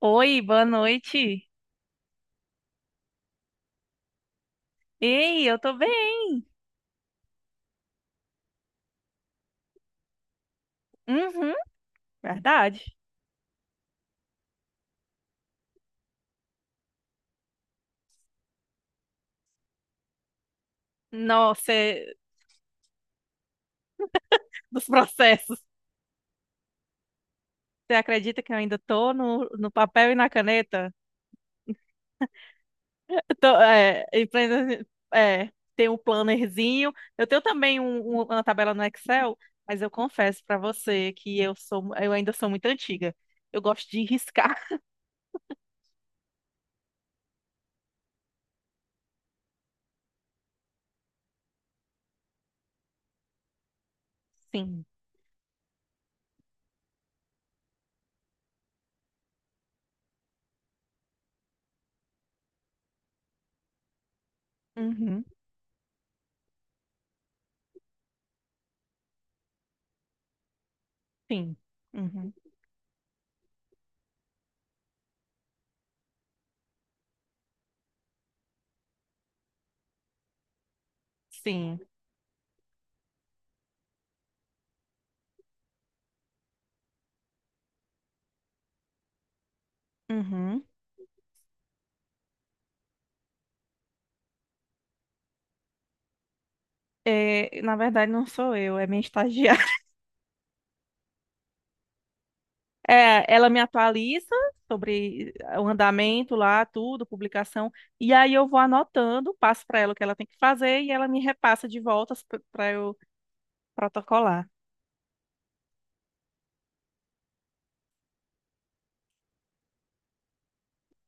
Oi, boa noite. Ei, eu tô bem. Uhum, verdade. Nossa, é- dos processos. Você acredita que eu ainda tô no papel e na caneta? Eu Tô, é, empreende- é, tem um plannerzinho. Eu tenho também uma tabela no Excel, mas eu confesso pra você que eu ainda sou muito antiga. Eu gosto de riscar. Sim. Uhum, sim. Uhum, sim. Uhum. É, na verdade, não sou eu, é minha estagiária. É, ela me atualiza sobre o andamento lá, tudo, publicação, e aí eu vou anotando, passo para ela o que ela tem que fazer e ela me repassa de voltas para eu protocolar.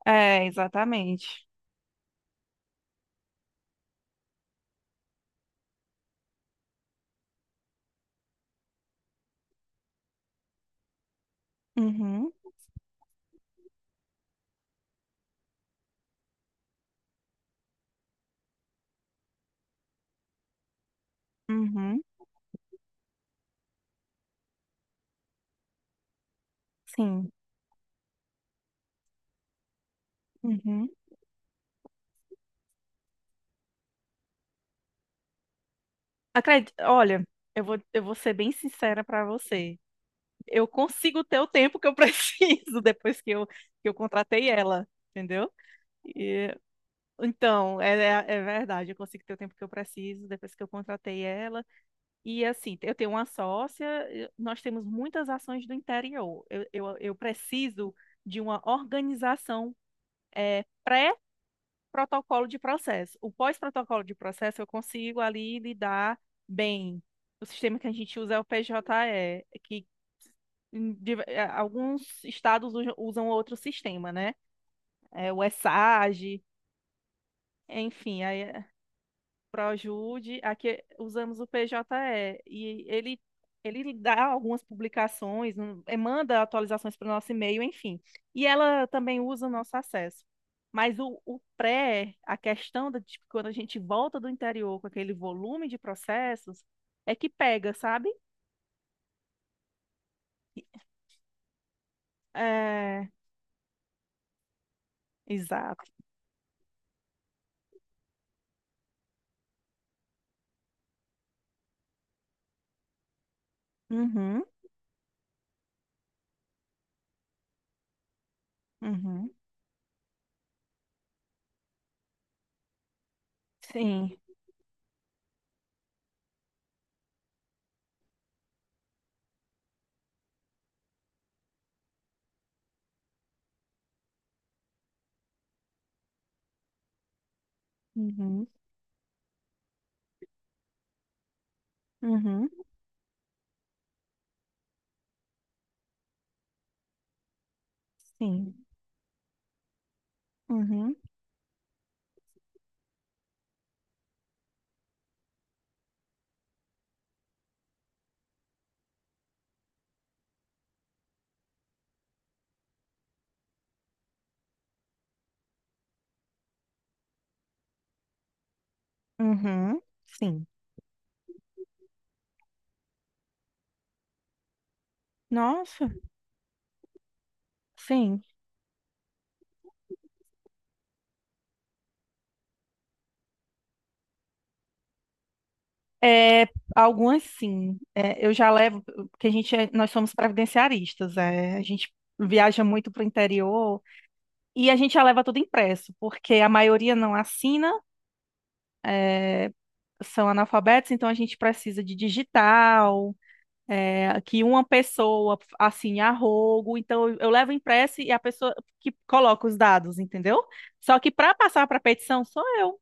É, exatamente. Uhum, uhum, sim. Uhum. Acredito, olha, eu vou ser bem sincera para você. Eu consigo ter o tempo que eu preciso depois que eu contratei ela, entendeu? E então, é, é é verdade, eu consigo ter o tempo que eu preciso depois que eu contratei ela. E assim, eu tenho uma sócia, nós temos muitas ações do interior. Eu preciso de uma organização eh, pré-protocolo de processo. O pós-protocolo de processo eu consigo ali lidar bem. O sistema que a gente usa é o PJE, que alguns estados usam outro sistema, né? É, o ESAG, enfim, aí é Projude, aqui usamos o PJE, e ele dá algumas publicações, manda atualizações para o nosso e-mail, enfim. E ela também usa o nosso acesso. Mas o pré, a questão de tipo, quando a gente volta do interior com aquele volume de processos, é que pega, sabe? É, exato. Uhum, uhum, sim. Uhum, uhum, sim. Uhum, uhum, sim. Nossa, sim. É, algumas sim. É, eu já levo, porque nós somos previdenciaristas, é, a gente viaja muito para o interior e a gente já leva tudo impresso, porque a maioria não assina, é, são analfabetos, então a gente precisa de digital, é, que uma pessoa assine a rogo, então eu levo impresso e a pessoa que coloca os dados, entendeu? Só que para passar para petição sou eu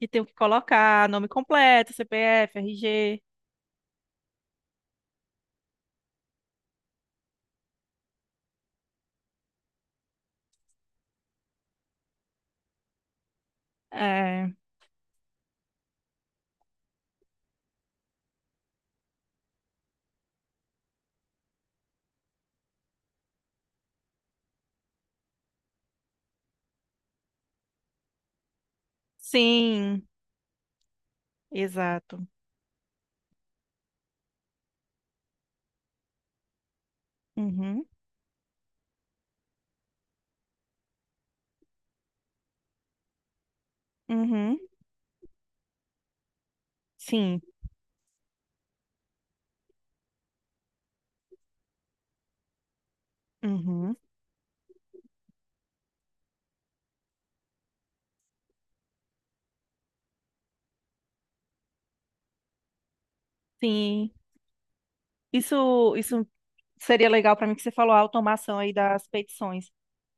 que tenho que colocar nome completo, CPF, RG. Sim, exato. Uhum, uhum, sim, uhum, sim. Isso seria legal para mim que você falou a automação aí das petições.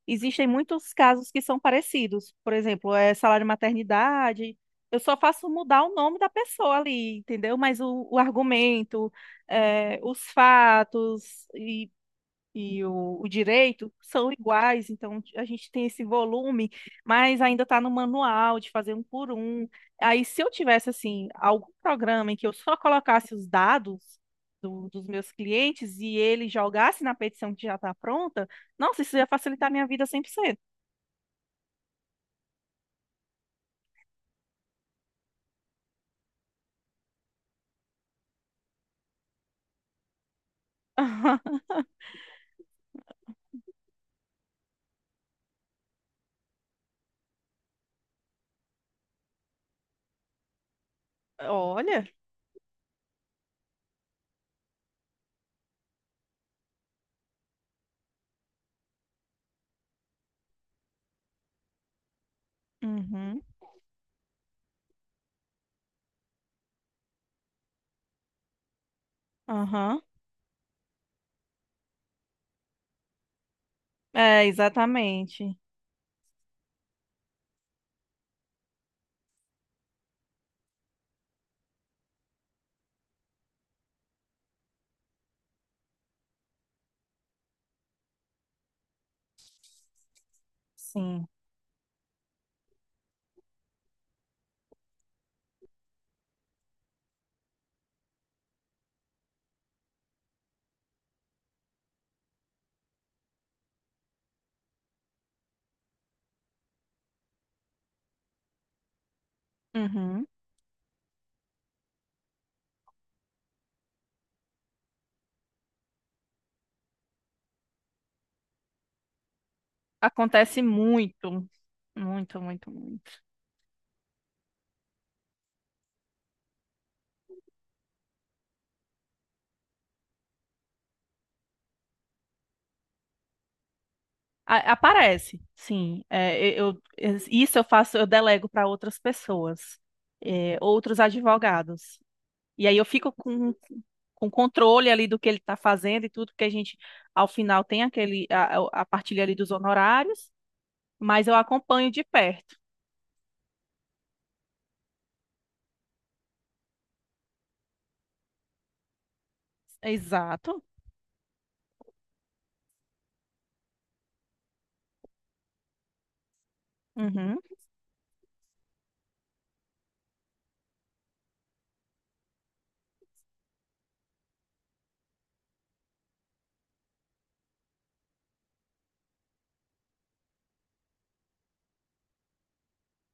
Existem muitos casos que são parecidos. Por exemplo, é salário maternidade. Eu só faço mudar o nome da pessoa ali, entendeu? Mas o argumento, é, os fatos e o direito são iguais, então a gente tem esse volume, mas ainda está no manual de fazer um por um. Aí, se eu tivesse assim algum programa em que eu só colocasse os dados dos meus clientes e ele jogasse na petição que já está pronta, nossa, isso ia facilitar a minha vida cem por cento. Olha, uhum, aham. É, exatamente. Sim. Uhum. Acontece muito, muito, muito, muito. A- Aparece, sim. Isso eu faço, eu delego para outras pessoas, é, outros advogados. E aí eu fico com controle ali do que ele está fazendo e tudo, porque a gente, ao final, tem aquele, a partilha ali dos honorários, mas eu acompanho de perto. Exato. Uhum,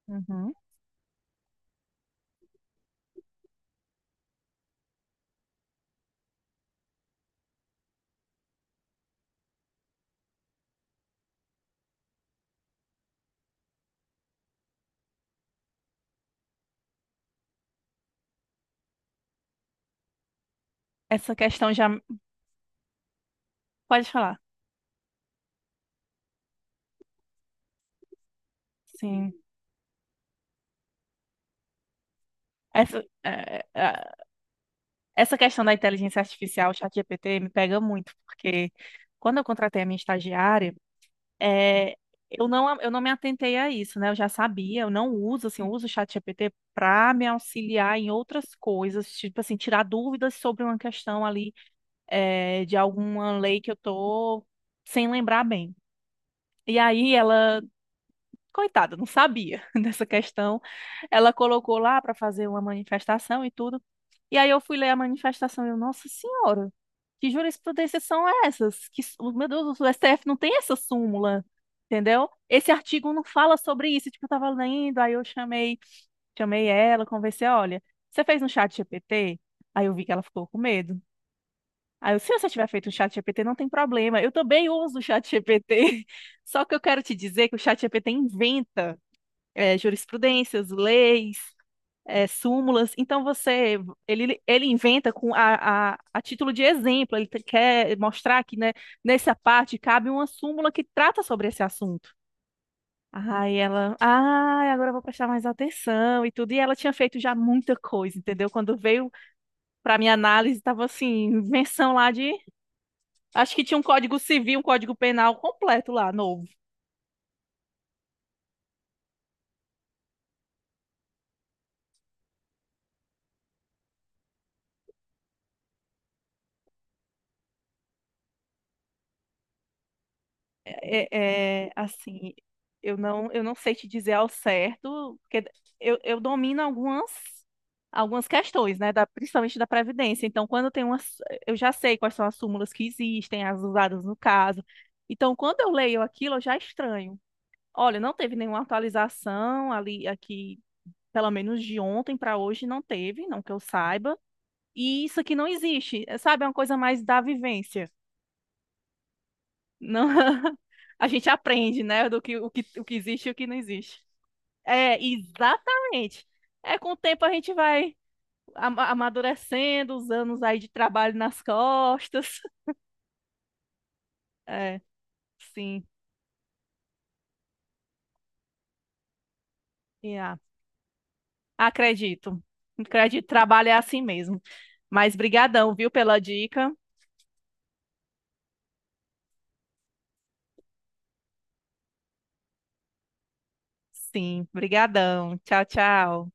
uhum. Essa questão já. Pode falar. Sim. Essa, é, é, essa questão da inteligência artificial, o ChatGPT, me pega muito, porque quando eu contratei a minha estagiária, é, eu não me atentei a isso, né? Eu já sabia, eu não uso, assim, eu uso o ChatGPT para me auxiliar em outras coisas, tipo assim, tirar dúvidas sobre uma questão ali, é, de alguma lei que eu tô sem lembrar bem. E aí ela coitada, não sabia dessa questão. Ela colocou lá para fazer uma manifestação e tudo. E aí eu fui ler a manifestação e eu, nossa senhora, que jurisprudências são essas? Meu Deus, o STF não tem essa súmula, entendeu? Esse artigo não fala sobre isso. Tipo, eu tava lendo, aí eu chamei ela, conversei, olha, você fez um chat GPT? Aí eu vi que ela ficou com medo. Aí eu, se você tiver feito um chat GPT, não tem problema. Eu também uso o chat GPT. Só que eu quero te dizer que o chat GPT inventa é, jurisprudências, leis, é, súmulas. Então você, ele inventa com a título de exemplo. Quer mostrar que, né, nessa parte cabe uma súmula que trata sobre esse assunto. Aí ela, ah, agora eu vou prestar mais atenção e tudo. E ela tinha feito já muita coisa, entendeu? Quando veio para minha análise, estava assim, invenção lá de, acho que tinha um código civil, um código penal completo lá, novo. É, é, assim, eu não sei te dizer ao certo, porque eu domino algumas, algumas questões, né, da, principalmente da Previdência. Então, quando tem umas, eu já sei quais são as súmulas que existem, as usadas no caso. Então, quando eu leio aquilo, eu já estranho. Olha, não teve nenhuma atualização ali, aqui, pelo menos de ontem para hoje, não teve, não que eu saiba. E isso aqui não existe, é, sabe? É uma coisa mais da vivência. Não, a gente aprende, né, do que o que existe e o que não existe. É, exatamente. É com o tempo a gente vai amadurecendo, os anos aí de trabalho nas costas. É, sim. E Yeah. Acredito. Acredito, trabalho é assim mesmo. Mas brigadão, viu, pela dica. Sim, brigadão. Tchau, tchau.